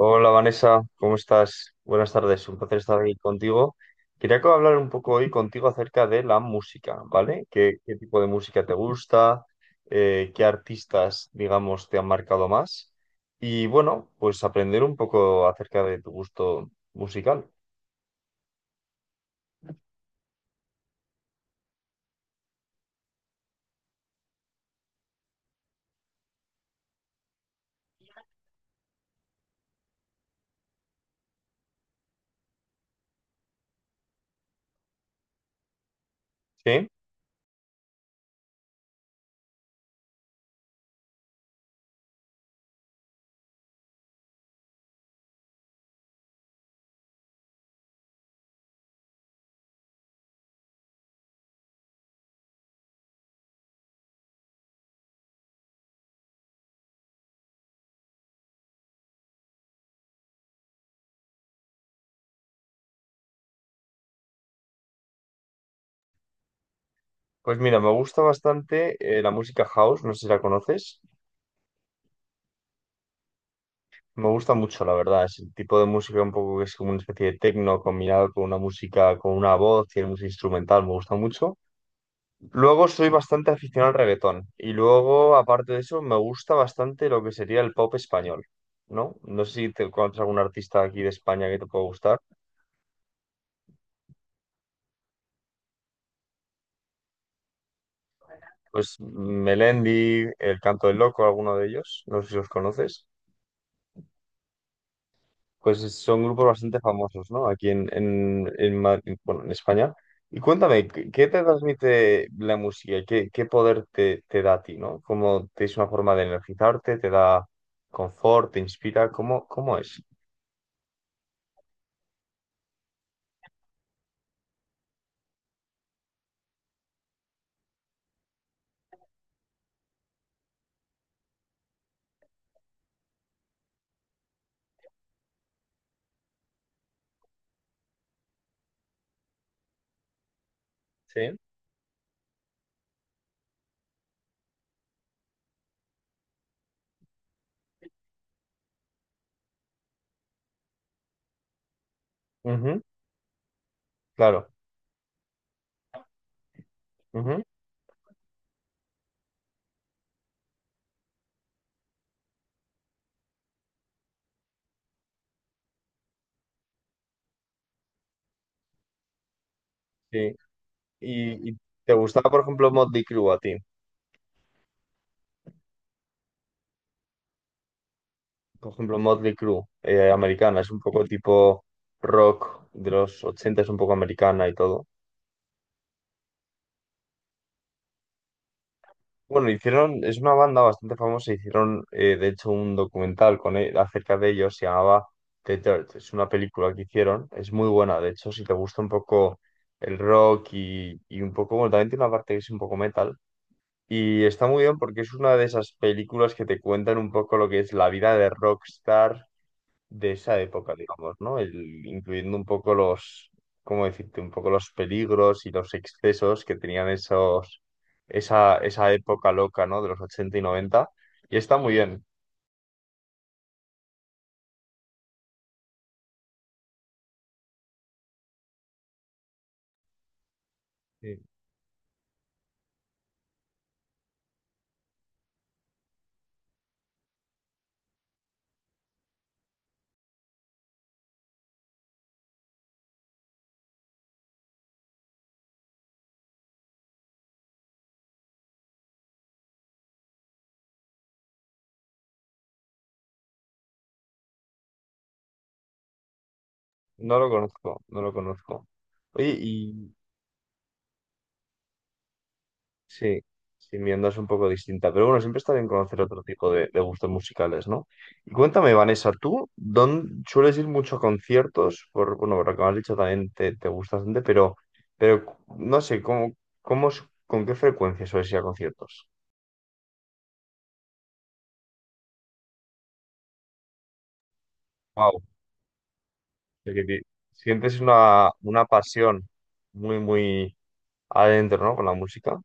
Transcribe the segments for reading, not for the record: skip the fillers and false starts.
Hola Vanessa, ¿cómo estás? Buenas tardes, un placer estar aquí contigo. Quería hablar un poco hoy contigo acerca de la música, ¿vale? ¿Qué tipo de música te gusta? ¿qué artistas, digamos, te han marcado más? Y bueno, pues aprender un poco acerca de tu gusto musical. Sí, pues mira, me gusta bastante la música house, no sé si la conoces. Me gusta mucho, la verdad, es el tipo de música un poco que es como una especie de techno combinado con una música, con una voz y una música instrumental, me gusta mucho. Luego soy bastante aficionado al reggaetón y luego, aparte de eso, me gusta bastante lo que sería el pop español, ¿no? No sé si te encuentras algún artista aquí de España que te pueda gustar. Pues Melendi, El Canto del Loco, alguno de ellos, no sé si los conoces. Pues son grupos bastante famosos, ¿no? Aquí en bueno, en España. Y cuéntame, ¿qué te transmite la música? ¿Qué poder te da a ti, no? ¿Cómo te es una forma de energizarte? ¿Te da confort? ¿Te inspira? ¿Cómo es? Sí. Ujú, claro. Ujú, sí. Y te gustaba, por ejemplo, Motley Crue a ti. Por ejemplo, Motley Crue, americana, es un poco tipo rock de los 80, es un poco americana y todo. Bueno, hicieron, es una banda bastante famosa, hicieron de hecho un documental con acerca de ellos, se llamaba The Dirt, es una película que hicieron, es muy buena, de hecho, si te gusta un poco el rock y un poco, bueno, también tiene una parte que es un poco metal. Y está muy bien porque es una de esas películas que te cuentan un poco lo que es la vida de rockstar de esa época, digamos, ¿no? Incluyendo un poco los, ¿cómo decirte? Un poco los peligros y los excesos que tenían esos, esa época loca, ¿no? De los 80 y noventa. Y está muy bien. Sí. No lo conozco, no lo conozco. Oye, sí, sí, mi onda es un poco distinta, pero bueno, siempre está bien conocer otro tipo de gustos musicales, ¿no? Y cuéntame, Vanessa, ¿tú dónde sueles ir mucho a conciertos? Bueno, por lo que me has dicho también te gusta bastante, pero, pero no sé, con qué frecuencia sueles ir a conciertos? Wow, sientes una pasión muy, muy adentro, ¿no? Con la música.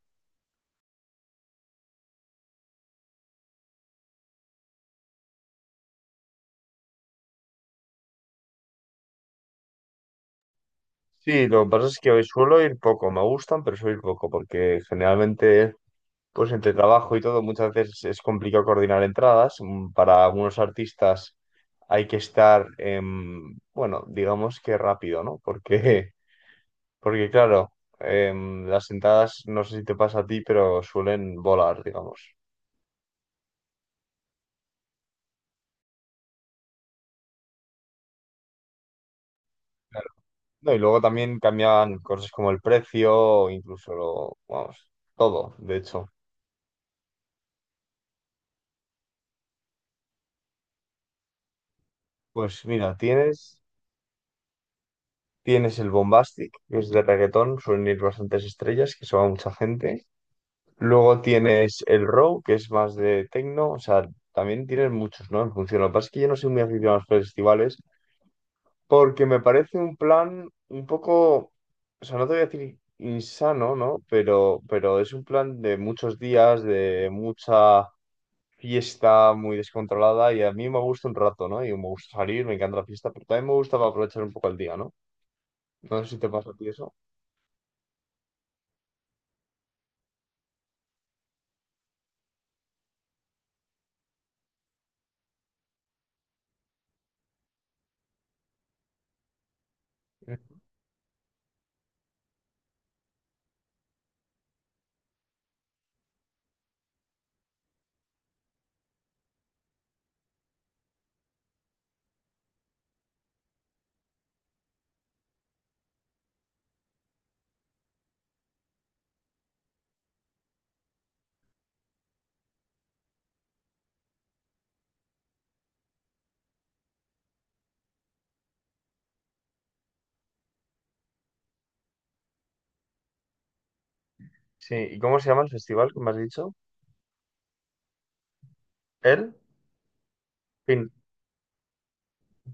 Sí, lo que pasa es que suelo ir poco, me gustan, pero suelo ir poco, porque generalmente... Pues entre trabajo y todo, muchas veces es complicado coordinar entradas. Para algunos artistas hay que estar, bueno, digamos que rápido, ¿no? Porque claro, las entradas, no sé si te pasa a ti, pero suelen volar, digamos. No, y luego también cambian cosas como el precio, incluso lo, vamos, todo, de hecho. Pues mira, tienes el Bombastic, que es de reggaetón, suelen ir bastantes estrellas, que se va mucha gente. Luego tienes el Row, que es más de techno, o sea, también tienes muchos, ¿no? En función. Lo que pasa es que yo no soy muy aficionado a los festivales porque me parece un plan un poco, o sea, no te voy a decir insano, ¿no? Pero es un plan de muchos días, de mucha fiesta muy descontrolada y a mí me gusta un rato, ¿no? Y me gusta salir, me encanta la fiesta, pero también me gusta para aprovechar un poco el día, ¿no? No sé si te pasa a ti eso. Sí, ¿y cómo se llama el festival que me has dicho? El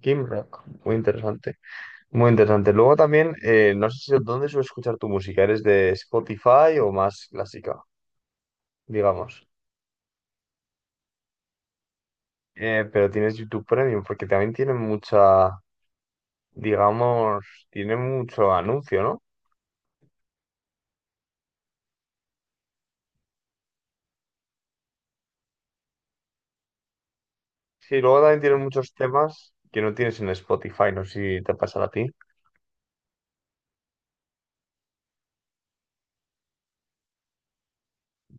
Kim Rock, muy interesante. Muy interesante. Luego también, no sé si dónde sueles escuchar tu música. ¿Eres de Spotify o más clásica, digamos? Pero tienes YouTube Premium porque también tienen mucha, digamos, tiene mucho anuncio, ¿no? Sí, luego también tienen muchos temas que no tienes en Spotify. No sé si te pasa a ti.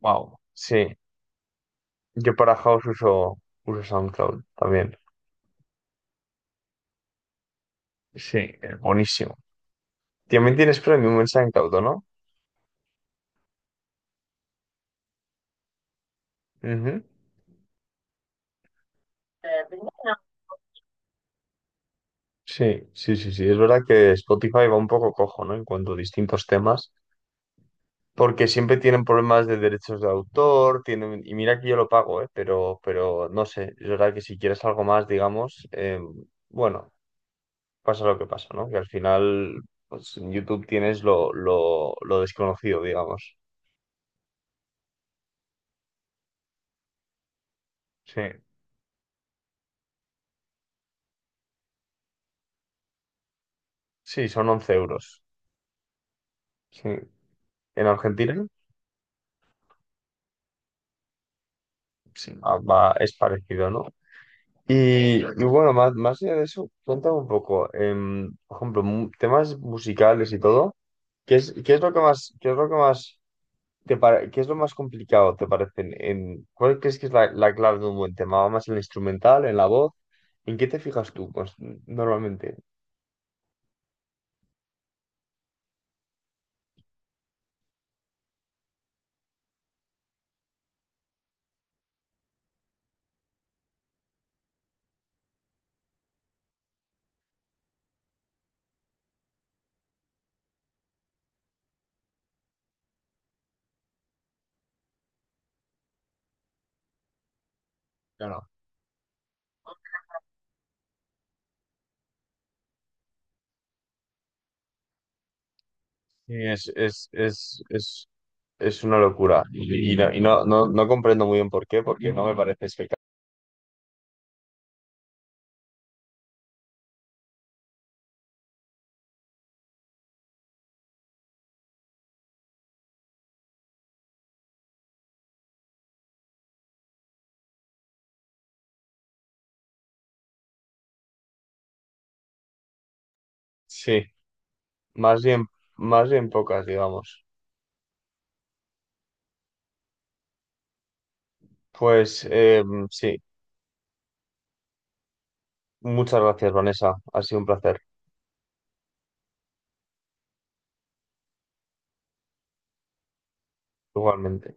Wow. Sí, yo para House uso SoundCloud también. Sí, es buenísimo. También tienes Premium en SoundCloud, ¿o no? Ujú. Sí, sí, sí, sí. Es verdad que Spotify va un poco cojo, ¿no? En cuanto a distintos temas, porque siempre tienen problemas de derechos de autor, tienen, y mira que yo lo pago, ¿eh? Pero no sé, es verdad que si quieres algo más, digamos, bueno, pasa lo que pasa, ¿no? Que al final, pues en YouTube tienes lo desconocido, digamos. Sí, sí, son 11 euros. Sí. En Argentina, sí, ah, va, es parecido, ¿no? Y bueno, más allá de eso, cuéntame un poco, por ejemplo, temas musicales y todo, ¿qué es lo que más, qué es lo más complicado te parece? ¿Cuál crees que es la clave de un buen tema? ¿Va más en el instrumental, en la voz? ¿En qué te fijas tú? Pues normalmente, claro. Sí, es una locura. Y no, no comprendo muy bien por qué, porque no me parece espectacular. Sí, más bien, más bien pocas, digamos. Pues sí. Muchas gracias, Vanessa. Ha sido un placer, igualmente.